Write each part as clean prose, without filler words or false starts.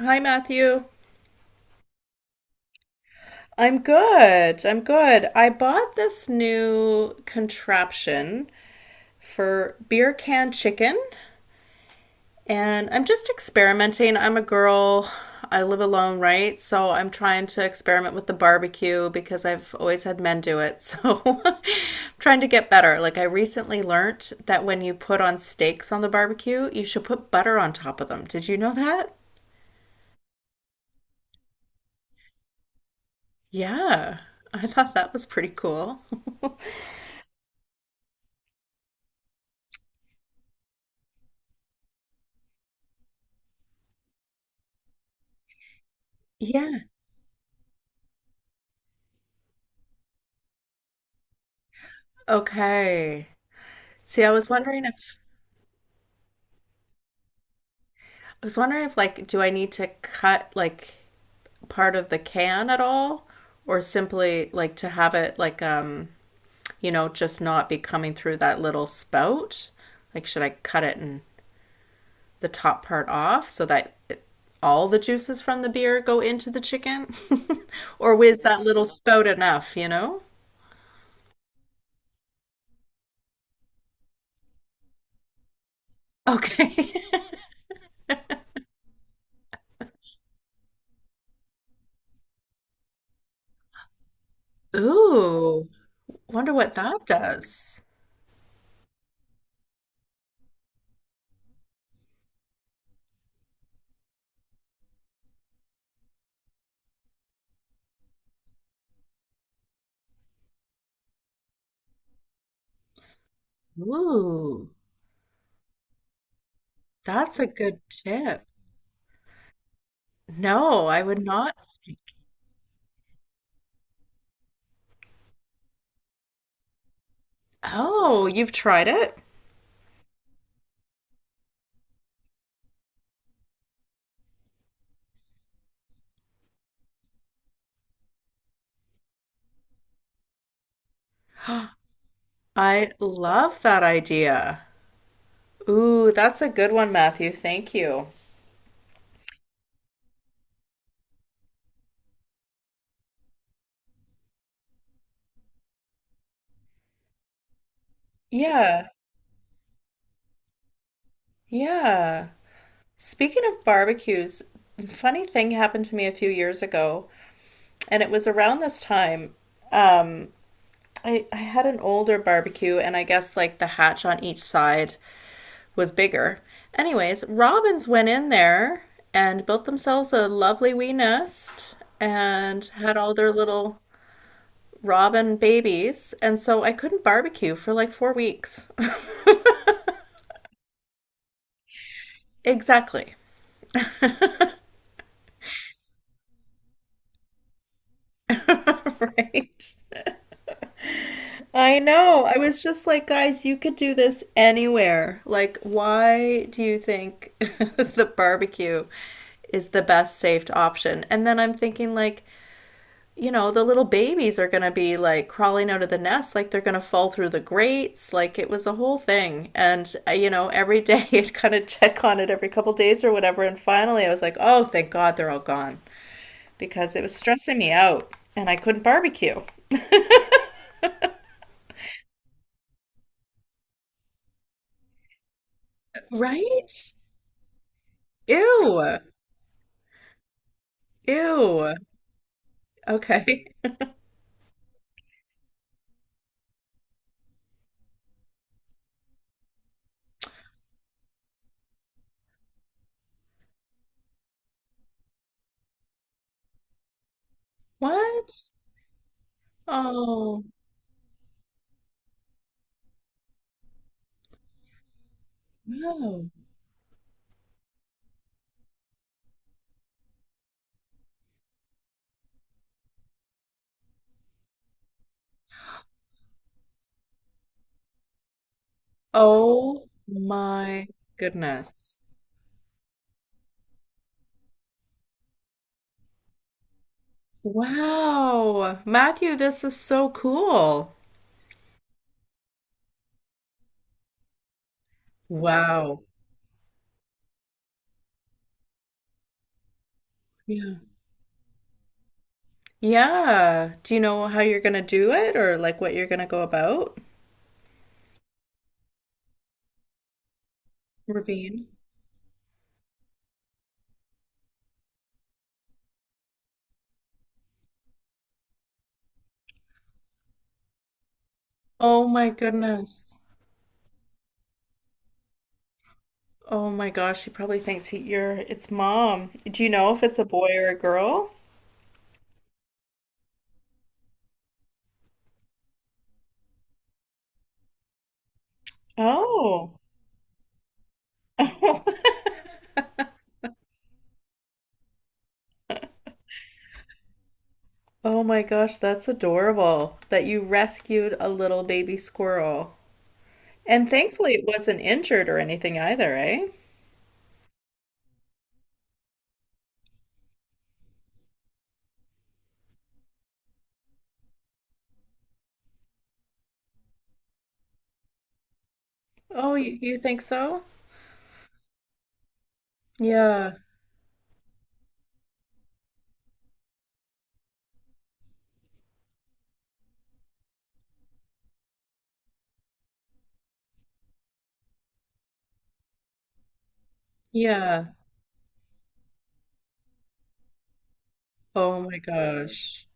Hi, Matthew. I'm good. I bought this new contraption for beer can chicken, and I'm just experimenting. I'm a girl. I live alone, right? So I'm trying to experiment with the barbecue because I've always had men do it. So I'm trying to get better. Like I recently learnt that when you put on steaks on the barbecue, you should put butter on top of them. Did you know that? Yeah. I thought that was pretty cool. Yeah. Okay. See, I was wondering if like do I need to cut like part of the can at all or simply like to have it like just not be coming through that little spout? Like should I cut it and the top part off so that it, all the juices from the beer go into the chicken? Or is that little spout enough, Okay. Ooh, wonder what that does. Ooh, that's a good tip. No, I would not. Oh, you've tried it? I love that idea. Ooh, that's a good one, Matthew. Thank you. Yeah, yeah. Speaking of barbecues, funny thing happened to me a few years ago, and it was around this time. Um, I had an older barbecue, and I guess like the hatch on each side was bigger. Anyways, robins went in there and built themselves a lovely wee nest and had all their little Robin babies, and so I couldn't barbecue for like 4 weeks. Exactly. Right. I know. I was just like, guys, you could do this anywhere. Like, why do you think the barbecue is the best saved option? And then I'm thinking, like, the little babies are going to be like crawling out of the nest, like they're going to fall through the grates. Like it was a whole thing. And, every day I'd kind of check on it every couple of days or whatever. And finally I was like, oh, thank God they're all gone because it was stressing me out and I couldn't barbecue. Right? Ew. Ew. Okay. What? Oh, no. Oh my goodness. Wow. Matthew, this is so cool. Wow. Yeah. Yeah. Do you know how you're gonna do it or like what you're gonna go about? Ravine. Oh my goodness. Oh my gosh, he probably thinks he you're it's mom. Do you know if it's a boy or a girl? Oh. Oh my gosh, that's adorable that you rescued a little baby squirrel. And thankfully it wasn't injured or anything either, eh? Oh, you think so? Yeah. Yeah. Oh my gosh.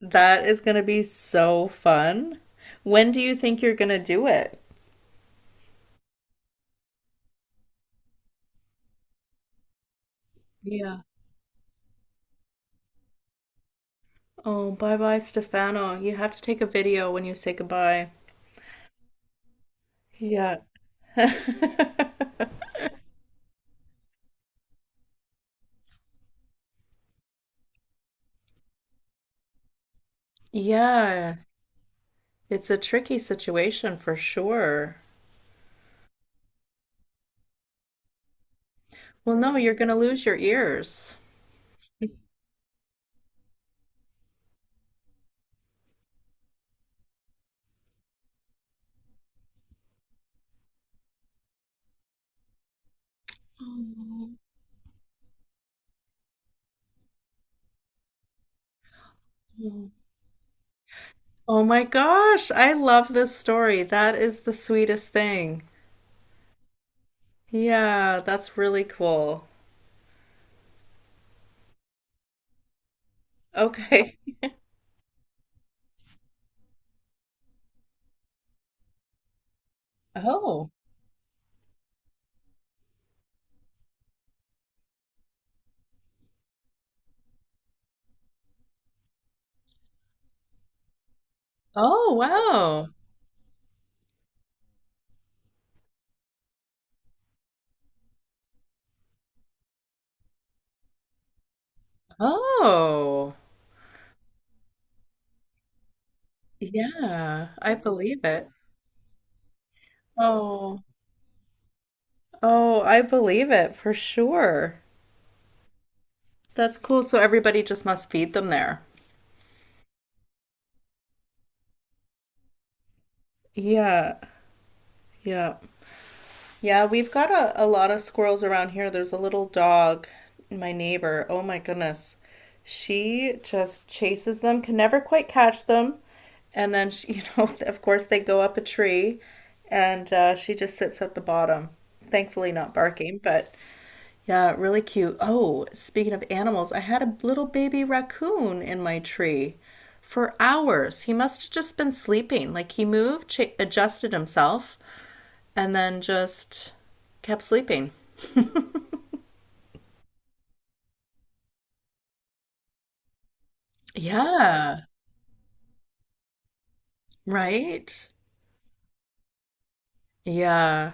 That is going to be so fun. When do you think you're going to do it? Yeah. Oh, bye bye, Stefano. You have to take a video when you say goodbye. Yeah. Yeah, it's a tricky situation for sure. Well, no, you're going to lose your ears. Oh. Oh my gosh, I love this story. That is the sweetest thing. Yeah, that's really cool. Okay. Oh, oh, wow. Oh, yeah, I believe it. Oh, oh, I believe it for sure. That's cool. So everybody just must feed them there. Yeah, yeah. Yeah, we've got a lot of squirrels around here. There's a little dog, my neighbor. Oh my goodness. She just chases them, can never quite catch them. And then she, of course they go up a tree and she just sits at the bottom. Thankfully not barking, but yeah, really cute. Oh, speaking of animals, I had a little baby raccoon in my tree for hours. He must have just been sleeping. Like he moved, adjusted himself, and then just kept sleeping. Yeah, right? Yeah.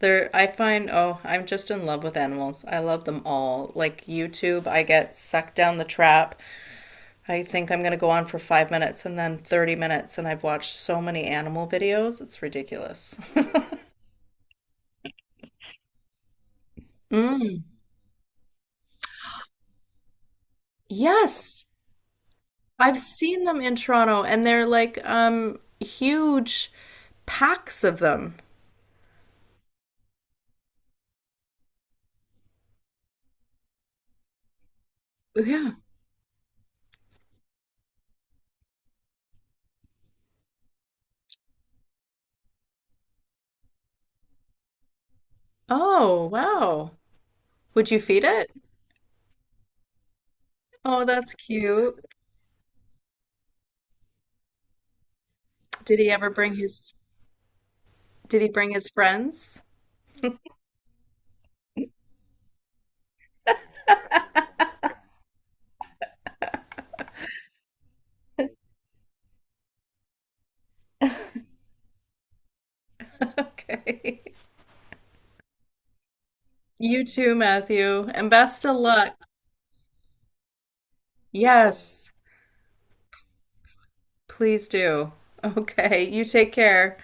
There, I find, oh, I'm just in love with animals. I love them all. Like YouTube, I get sucked down the trap. I think I'm gonna go on for 5 minutes and then 30 minutes, and I've watched so many animal videos. It's ridiculous. Mm. Yes. I've seen them in Toronto and they're like huge packs of them. Yeah. Oh, wow. Would you feed it? Oh, that's cute. Did he ever bring his did he bring his friends? Okay. You too, Matthew, and best of luck. Yes, please do. Okay, you take care.